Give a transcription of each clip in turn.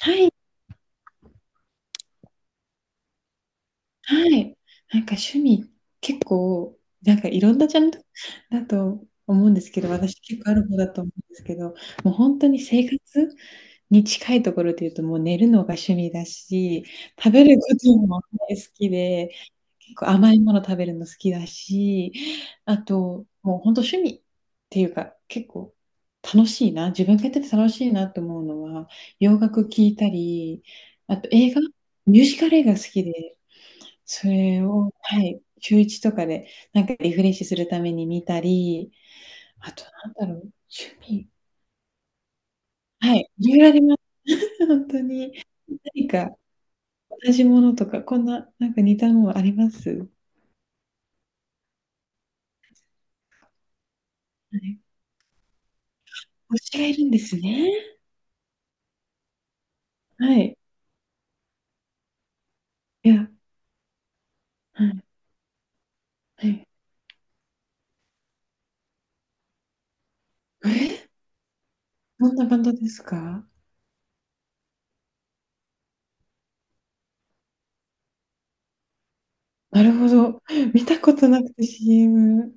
はい、はい。なんか趣味、結構、なんかいろんなジャンル だと思うんですけど、私結構ある方だと思うんですけど、もう本当に生活に近いところで言うと、もう寝るのが趣味だし、食べることも大好きで、結構甘いもの食べるの好きだし、あと、もう本当趣味っていうか、結構楽しいな、自分がやってて楽しいなと思うのは、洋楽聴いたり、あと映画、ミュージカル映画好きで、それを、はい、週1とかで、なんかリフレッシュするために見たり、あとなんだろう、趣味はい、色々あります。ほんとに。何か同じものとか、こんな、なんか似たものあります？はい。推しがいるんですね。はい。いや、はい、はい。え、どんなバンドですか？なるほど。見たことなくて CM。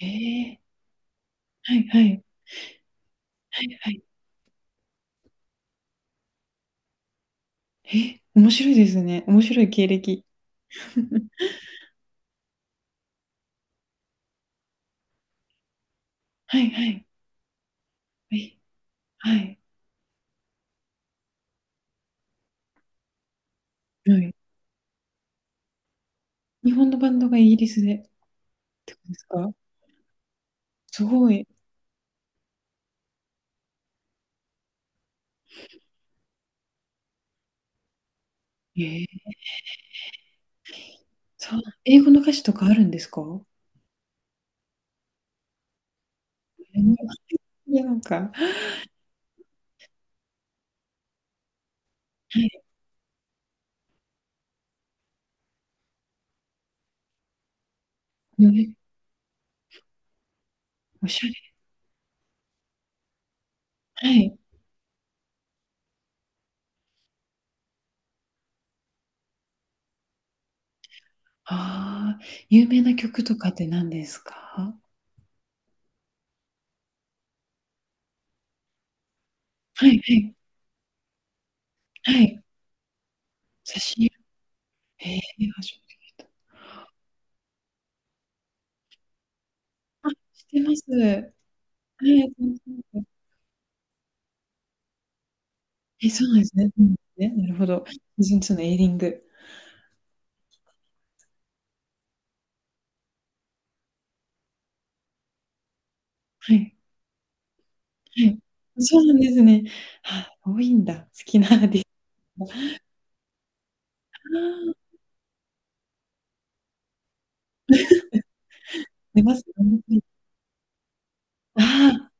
へえ、はいはい。はいはい。え、面白いですね。面白い経歴。はいはい。はい。はい。はい。日本のバンドがイギリスでってことですか？すごい。ええ、そう、英語の歌詞とかあるんですか？ええ、いや、なんかはい、よりおしゃれはい。ああ、有名な曲とかって何ですか？はいはいはい。差し入れ、へえ、初めて聞いた。あ、知ってます。はい、え、そうなんですね。うん、ね、なるほど。シーズンツーのエイリング。はい。はい。そうなんですね。あ、多いんだ、好きなアーティストが。ああ。寝ます？ああ、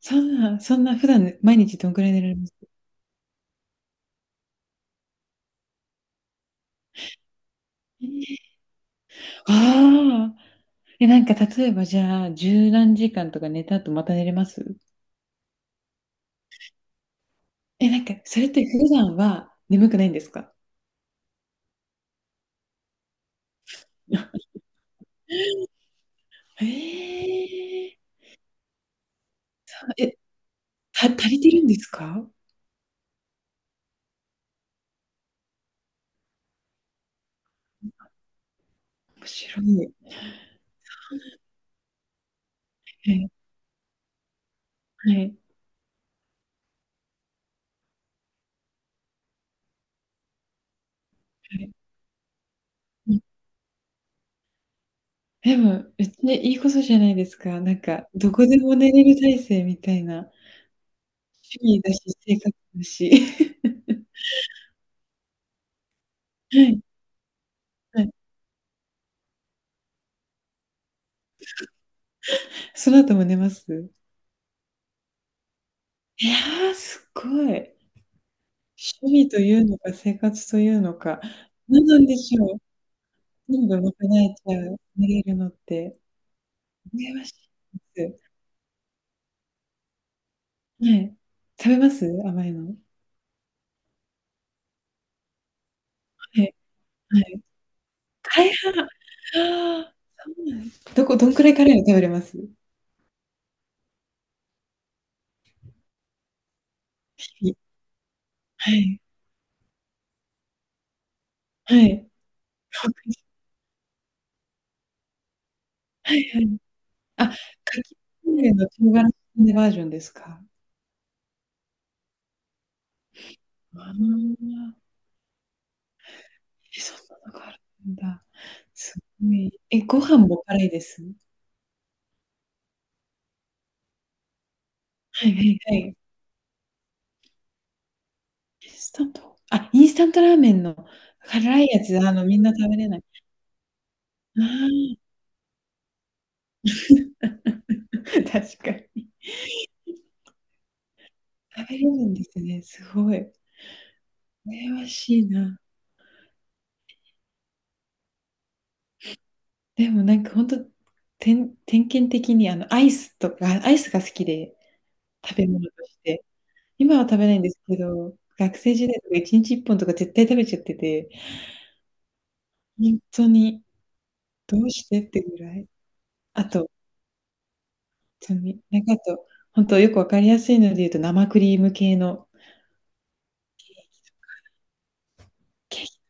そんな普段毎日どんくらい寝られます？ええ、ああ。え、なんか例えばじゃあ、十何時間とか寝た後また寝れます？え、なんかそれって普段は眠くないんですか？へえ。あ、え、足りてるんですか？面白い。はい、はい、はい。うん。でも、別にいいことじゃないですか。なんか、どこでも寝れる体制みたいな、趣味だし、生活だし。はい、はい。その後も寝ます？いやー、すごい。趣味というのか、生活というのか、何なんでしょう。全部まかなえちゃう、寝れるのって、羨ましいです。はい。食べます？甘いの。はい、はい。大半。ああ、そうなんどこどんくらいカレーを食べれます？日々。はい。はい。ほんとにはいはい。あ、かきカレーの唐辛子バージョンですか？ああ。え、そんなのがあるんだ。すごい。え、ご飯も辛いです？はいはいはい。インスタントあ、インスタントラーメンの辛いやつ、みんな食べれない。ああ、確かに。食べれるんですね、すごい。羨ましいな。でもなんかほんと、点検的にあの、アイスとかアイスが好きで、食べ物として。今は食べないんですけど、学生時代とか1日1本とか絶対食べちゃってて、ほんとにどうしてってぐらい。あとちなみに、なんかあと、本当よくわかりやすいので言うと、生クリーム系のケーキか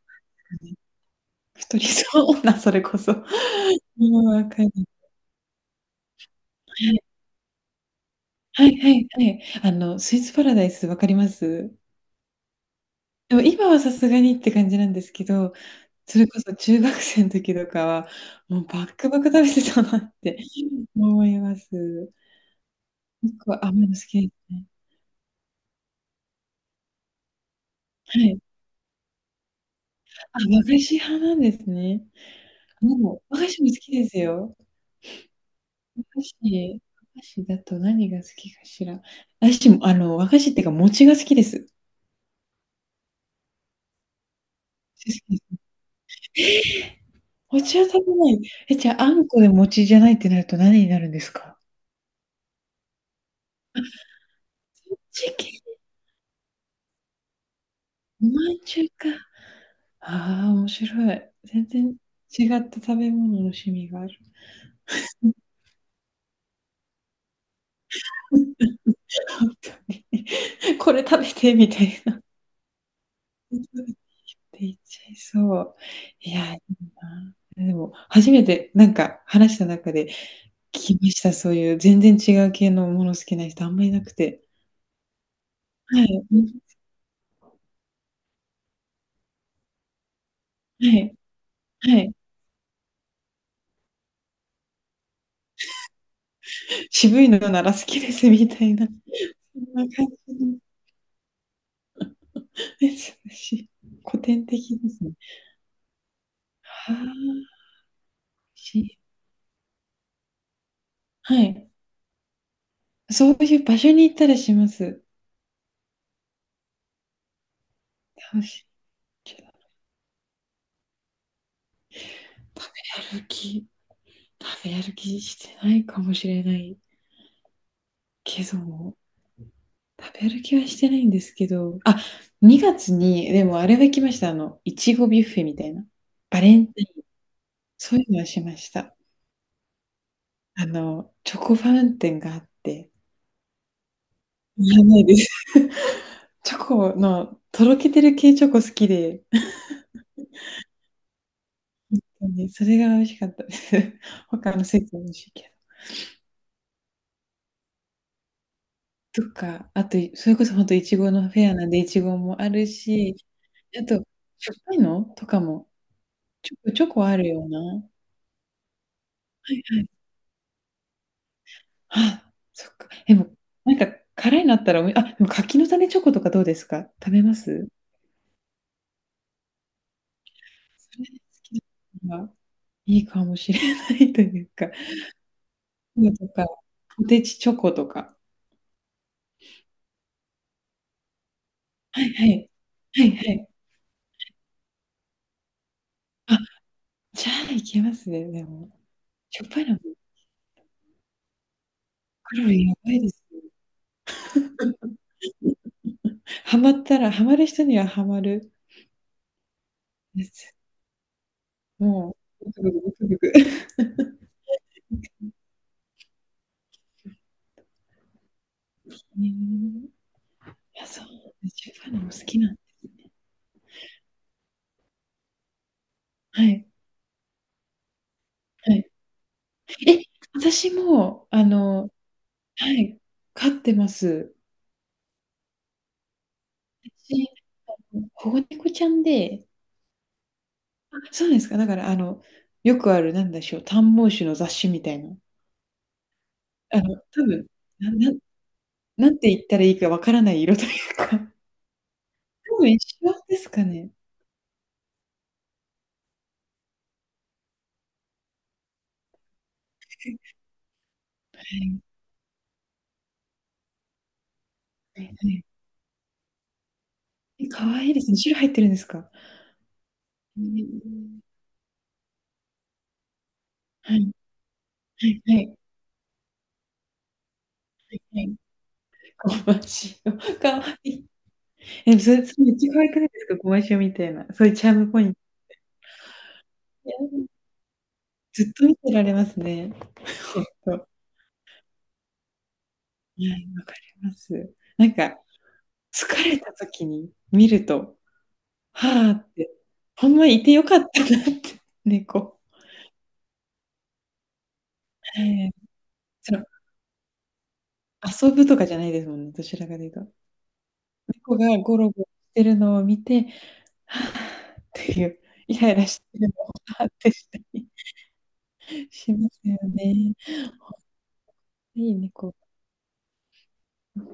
な。太りそうな、それこそ。もうわかる。はい。はいはいはい。あの、スイーツパラダイスわかります？でも今はさすがにって感じなんですけど、それこそ中学生の時とかは、もうバックバク食べてたなって思います。結構甘いの好きですね。はい。あ、和菓子派なんですね。もう、和菓子も好きですよ。菓子、和菓子だと何が好きかしら。私も、あの、和菓子っていうか、餅が好きです。餅は食べない。え、じゃあ、あんこで餅じゃないってなると何になるんですか？そっち系、お饅頭か。ああ、面白い。全然違った食べ物の趣味がある。本当に。これ食べてみたいな。って言っちゃいそう。いや、いいな。でも初めてなんか話した中できました、そういう全然違う系のもの好きな人あんまいなくて。はい、うん、はい、はい。渋いのなら好きですみたいな、そんな感じの、え、古典的ですね。はあ、しはい。そういう場所に行ったりします。楽しちょ食べ歩き食べ歩きしてないかもしれないけども、食べ歩きはしてないんですけど、あ、2月にでもあれは行きました、あの、いちごビュッフェみたいな。バレンタそういうのはしました。あの、チョコファウンテンがあって、いらないです。チョコのとろけてる系チョコ好きで、ほんとにそれが美味しかったです。他のスイーツも美味しいけど。とか、あと、それこそほんといちごのフェアなんでいちごもあるし、あと、しょっぱいのとかも、ちょこちょこあるような。はいはい。あ、そっか。でも、なんか辛いのあったら、おみあ、でも柿の種チョコとかどうですか？食べます？それ好きです。今いいかもしれないというか、ムとか、ポテチチョコとか。はいはい。はいはい。あ、じゃあいけますね、でも。しょっぱいの、カロリーやばいですよ。ハマったらハマる人にはハマるやつ。もう、ブクブクブクブク。へえ。いや、そう、しょっぱいのも好きなんですね。はい、はい。え、私も、あのはい、飼ってます。私、あの、保護猫ちゃんで、そうですか。だから、あの、よくある、なんでしょう、短毛種の雑種みたいな。あの、多分、なななんて言ったらいいかわからない色というか、多分一緒ですかね。はい、はいはい。え、可愛いですね。白入ってるんですか？ええ。はいはいはい、はい。ゴマシオ、可愛い。え、それ、それめっちゃ可愛くないですか？ゴマシオみたいな、そういうチャームポイント。いや、ずっと見てられますね。ほんと。はい、わかります。なんか、疲れた時に見るとはあって、ほんまいてよかったなって、猫。ええ。その、遊ぶとかじゃないですもんね、どちらかというと。猫がゴロゴロしてるのを見て、はあっていう、イライラしてるのをはあってしたりしますよね。いい猫。